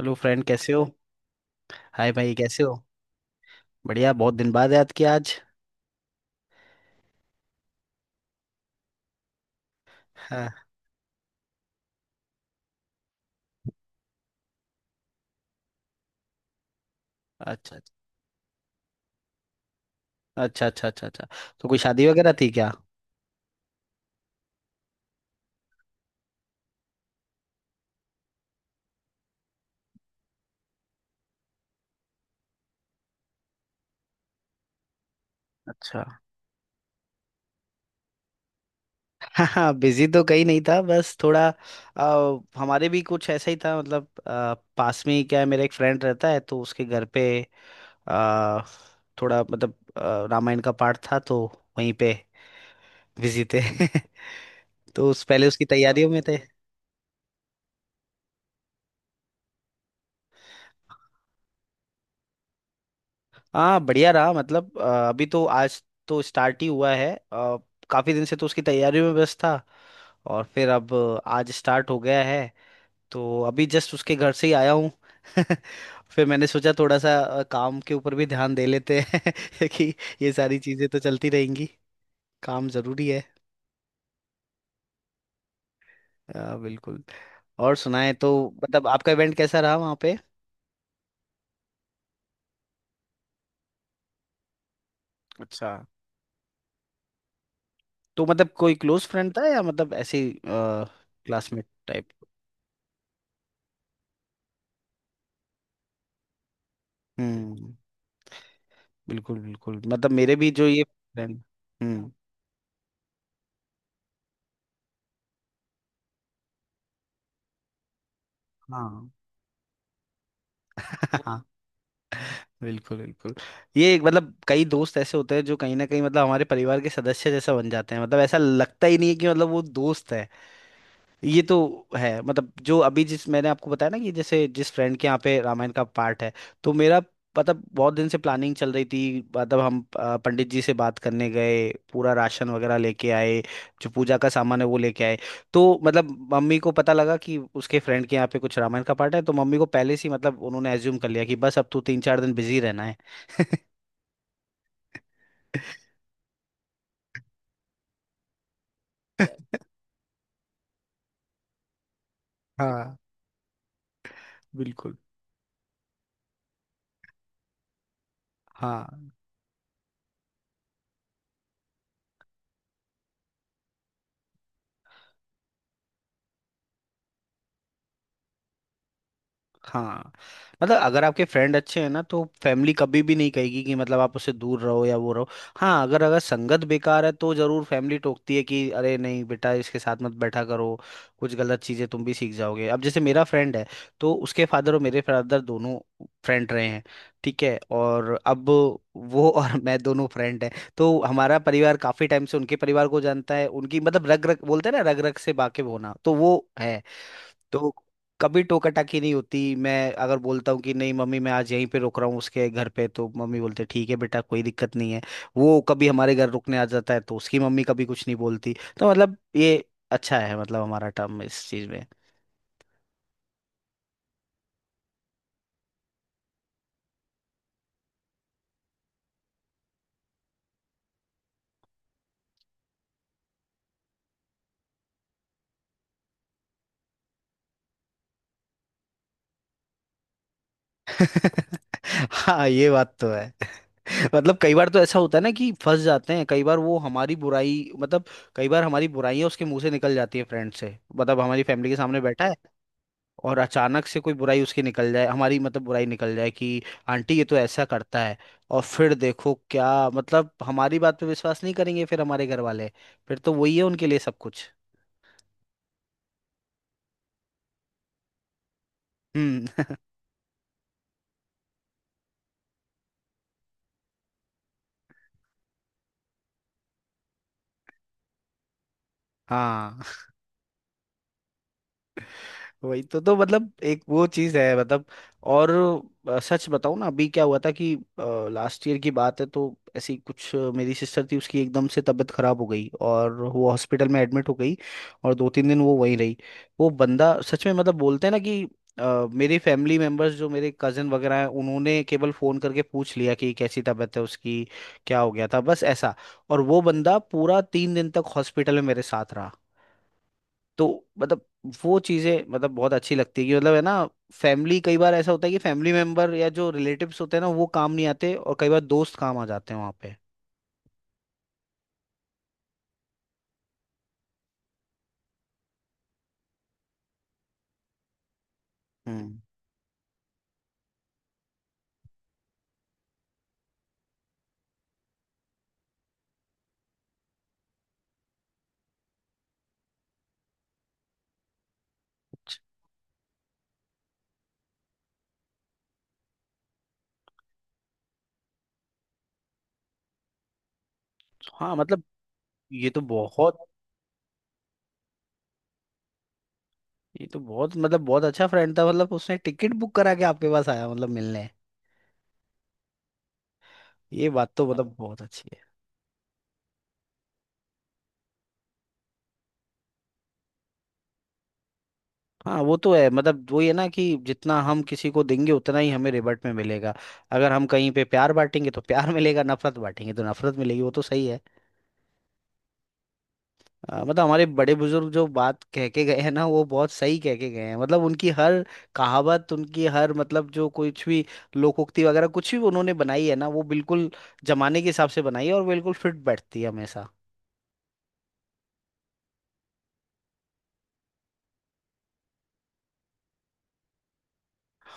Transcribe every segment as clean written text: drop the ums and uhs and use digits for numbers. Hello friend, कैसे हो। Hi भाई, कैसे हो। बढ़िया, बहुत दिन बाद याद किया आज। हाँ। अच्छा, अच्छा, अच्छा, अच्छा, अच्छा। तो कोई शादी वगैरह थी क्या? अच्छा। हाँ हाँ, बिजी तो कहीं नहीं था, बस थोड़ा हमारे भी कुछ ऐसा ही था, मतलब पास में ही क्या है, मेरा एक फ्रेंड रहता है तो उसके घर पे आ, थोड़ा मतलब रामायण का पाठ था तो वहीं पे बिजी थे। तो उस पहले उसकी तैयारियों में थे। हाँ, बढ़िया रहा, मतलब अभी तो आज तो स्टार्ट ही हुआ है। काफी दिन से तो उसकी तैयारी में व्यस्त था, और फिर अब आज स्टार्ट हो गया है। तो अभी जस्ट उसके घर से ही आया हूँ। फिर मैंने सोचा थोड़ा सा काम के ऊपर भी ध्यान दे लेते हैं, कि ये सारी चीजें तो चलती रहेंगी। काम जरूरी है। बिल्कुल। और सुनाए तो, मतलब आपका इवेंट कैसा रहा वहाँ पे? अच्छा। तो मतलब कोई क्लोज फ्रेंड था या मतलब ऐसे क्लासमेट टाइप? हम्म। बिल्कुल बिल्कुल, मतलब मेरे भी जो ये। हम्म। हाँ। हाँ। बिल्कुल बिल्कुल। ये एक, मतलब कई दोस्त ऐसे होते हैं जो कहीं ना कहीं, मतलब हमारे परिवार के सदस्य जैसा बन जाते हैं, मतलब ऐसा लगता ही नहीं है कि मतलब वो दोस्त है। ये तो है, मतलब जो अभी, जिस मैंने आपको बताया ना कि जैसे जिस फ्रेंड के यहाँ पे रामायण का पार्ट है, तो मेरा मतलब बहुत दिन से प्लानिंग चल रही थी। मतलब हम पंडित जी से बात करने गए, पूरा राशन वगैरह लेके आए, जो पूजा का सामान है वो लेके आए। तो मतलब मम्मी को पता लगा कि उसके फ्रेंड के यहाँ पे कुछ रामायण का पार्ट है, तो मम्मी को पहले से ही, मतलब उन्होंने एज्यूम कर लिया कि बस अब तू तीन चार दिन बिजी रहना है। हाँ। बिल्कुल। हाँ हाँ, मतलब अगर आपके फ्रेंड अच्छे हैं ना, तो फैमिली कभी भी नहीं कहेगी कि मतलब आप उससे दूर रहो या वो रहो। हाँ, अगर अगर संगत बेकार है तो जरूर फैमिली टोकती है कि अरे नहीं बेटा, इसके साथ मत बैठा करो। कुछ गलत चीजें तुम भी सीख जाओगे। अब जैसे मेरा फ्रेंड है, तो उसके फादर और मेरे फादर दोनों फ्रेंड रहे हैं, ठीक है? और अब वो और मैं दोनों फ्रेंड हैं। तो हमारा परिवार काफी टाइम से उनके परिवार को जानता है, उनकी मतलब रग रग, बोलते हैं ना, रग रग से वाकिफ होना, तो वो है। तो कभी टोकाटाकी नहीं होती। मैं अगर बोलता हूँ कि नहीं मम्मी, मैं आज यहीं पे रुक रहा हूँ उसके घर पे, तो मम्मी बोलते ठीक है बेटा, कोई दिक्कत नहीं है। वो कभी हमारे घर रुकने आ जाता है तो उसकी मम्मी कभी कुछ नहीं बोलती। तो मतलब ये अच्छा है, मतलब हमारा टर्म इस चीज में। हाँ, ये बात तो है। मतलब कई बार तो ऐसा होता है ना कि फंस जाते हैं। कई बार वो हमारी बुराई, मतलब कई बार हमारी बुराइयां उसके मुंह से निकल जाती है, फ्रेंड से, मतलब हमारी फैमिली के सामने बैठा है। और अचानक से कोई बुराई उसकी निकल जाए, हमारी मतलब बुराई निकल जाए कि आंटी ये तो ऐसा करता है। और फिर देखो क्या, मतलब हमारी बात पे विश्वास नहीं करेंगे फिर हमारे घर वाले। फिर तो वही है उनके लिए सब कुछ। हम्म। हाँ, वही तो मतलब एक वो चीज है, मतलब। और सच बताऊं ना, अभी क्या हुआ था कि लास्ट ईयर की बात है। तो ऐसी कुछ मेरी सिस्टर थी, उसकी एकदम से तबीयत खराब हो गई और वो हॉस्पिटल में एडमिट हो गई, और दो तीन दिन वो वहीं रही। वो बंदा सच में, मतलब बोलते हैं ना कि मेरे फैमिली मेंबर्स, जो मेरे कजन वगैरह हैं, उन्होंने केवल फोन करके पूछ लिया कि कैसी तबीयत है उसकी, क्या हो गया था, बस ऐसा। और वो बंदा पूरा तीन दिन तक हॉस्पिटल में मेरे साथ रहा। तो मतलब वो चीजें, मतलब बहुत अच्छी लगती है कि मतलब है ना, फैमिली, कई बार ऐसा होता है कि फैमिली मेंबर या जो रिलेटिव्स होते हैं ना, वो काम नहीं आते, और कई बार दोस्त काम आ जाते हैं वहां पे। हम्म। हाँ। मतलब ये तो बहुत ये तो बहुत, मतलब बहुत अच्छा फ्रेंड था, मतलब उसने टिकट बुक करा के आपके पास आया, मतलब मिलने। ये बात तो मतलब बहुत अच्छी है। हाँ, वो तो है, मतलब वो ये ना कि जितना हम किसी को देंगे उतना ही हमें रिबट में मिलेगा। अगर हम कहीं पे प्यार बांटेंगे तो प्यार मिलेगा, नफरत बांटेंगे तो नफरत मिलेगी, वो तो सही है। मतलब हमारे बड़े बुजुर्ग जो बात कह के गए हैं ना, वो बहुत सही कह के गए हैं, मतलब उनकी हर, कहावत उनकी हर, मतलब जो कुछ भी लोकोक्ति वगैरह कुछ भी उन्होंने बनाई है ना, वो बिल्कुल जमाने के हिसाब से बनाई है और बिल्कुल फिट बैठती है हमेशा।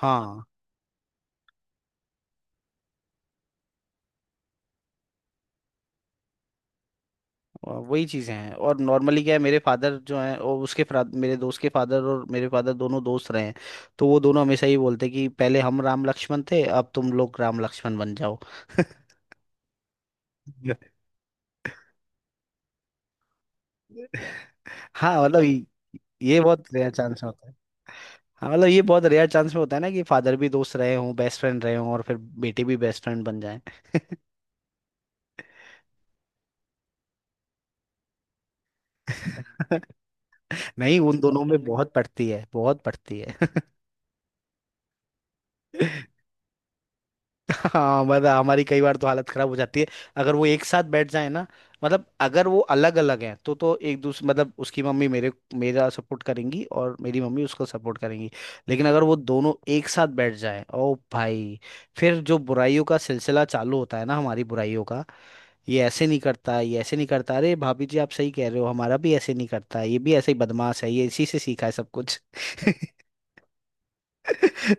हाँ, वही चीजें हैं। और नॉर्मली क्या है, मेरे फादर जो हैं और उसके मेरे दोस्त के फादर और मेरे फादर दोनों दोस्त रहे हैं। तो वो दोनों हमेशा ही बोलते कि पहले हम राम लक्ष्मण थे, अब तुम लोग राम लक्ष्मण बन जाओ। हाँ मतलब ये बहुत रेयर चांस होता है। हाँ, मतलब ये बहुत रेयर चांस में होता है ना कि फादर भी दोस्त रहे हों, बेस्ट फ्रेंड रहे हों, और फिर बेटे भी बेस्ट फ्रेंड बन जाएं। नहीं, उन दोनों में बहुत पड़ती है, बहुत पड़ती है। हाँ मतलब हमारी कई बार तो हालत खराब हो जाती है, अगर वो एक साथ बैठ जाए ना। मतलब अगर वो अलग अलग हैं तो एक दूसरे, मतलब उसकी मम्मी मेरे मेरा सपोर्ट करेंगी और मेरी मम्मी उसको सपोर्ट करेंगी। लेकिन अगर वो दोनों एक साथ बैठ जाएं, ओ भाई, फिर जो बुराइयों का सिलसिला चालू होता है ना, हमारी बुराइयों का। ये ऐसे नहीं करता, ये ऐसे नहीं करता, अरे भाभी जी आप सही कह रहे हो, हमारा भी ऐसे नहीं करता, ये भी ऐसे ही बदमाश है, ये इसी से सीखा है सब कुछ।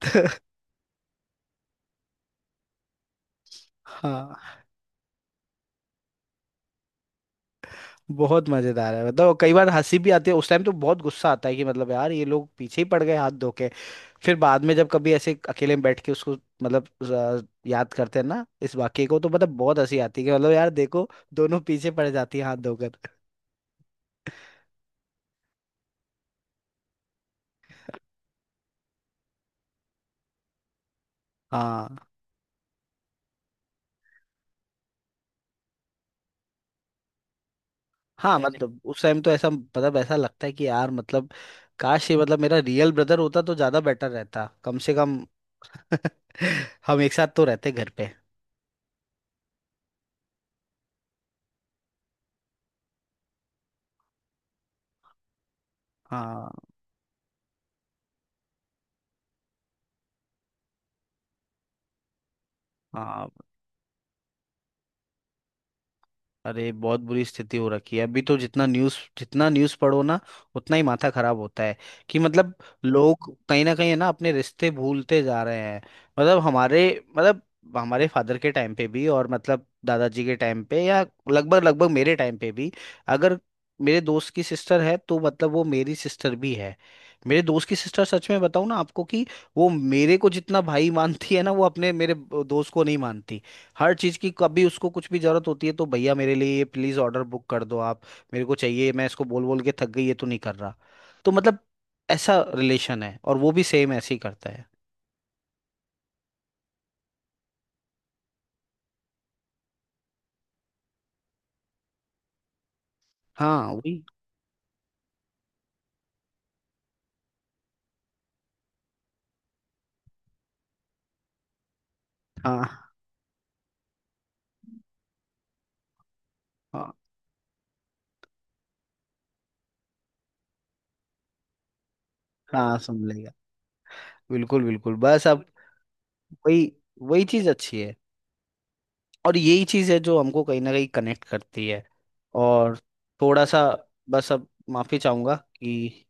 तो हाँ, बहुत मजेदार है, मतलब कई बार हंसी भी आती है। उस टाइम तो बहुत गुस्सा आता है कि मतलब यार ये लोग पीछे ही पड़ गए हाथ धो के। फिर बाद में जब कभी ऐसे अकेले में बैठ के उसको, मतलब याद करते हैं ना इस वाक्य को, तो मतलब बहुत हंसी आती है कि मतलब यार देखो, दोनों पीछे पड़ जाती है हाथ धोकर। हाँ हाँ, है ना, मतलब उस टाइम तो ऐसा, मतलब ऐसा लगता है कि यार मतलब काश ये, मतलब मेरा रियल ब्रदर होता तो ज्यादा बेटर रहता, कम से कम। हम एक साथ तो रहते घर पे। हाँ हाँ। अरे बहुत बुरी स्थिति हो रखी है अभी तो, जितना न्यूज़ पढ़ो ना, उतना ही माथा खराब होता है। कि मतलब लोग कहीं ना कहीं है ना, अपने रिश्ते भूलते जा रहे हैं। मतलब मतलब हमारे फादर के टाइम पे भी, और मतलब दादाजी के टाइम पे, या लगभग लगभग मेरे टाइम पे भी। अगर मेरे दोस्त की सिस्टर है तो मतलब वो मेरी सिस्टर भी है। मेरे दोस्त की सिस्टर, सच में बताऊं ना आपको कि वो मेरे को जितना भाई मानती है ना, वो अपने मेरे दोस्त को नहीं मानती। हर चीज़ की, कभी उसको कुछ भी ज़रूरत होती है तो भैया मेरे लिए ये प्लीज़ ऑर्डर बुक कर दो आप, मेरे को चाहिए, मैं इसको बोल बोल के थक गई, ये तो नहीं कर रहा। तो मतलब ऐसा रिलेशन है, और वो भी सेम ऐसे ही करता है। हाँ, वही। हाँ हाँ हाँ। सुन लेगा। बिल्कुल बिल्कुल, बस अब। वही वही चीज़ अच्छी है। और यही चीज़ है जो हमको कहीं ना कहीं कनेक्ट करती है। और थोड़ा सा, बस अब माफ़ी चाहूँगा कि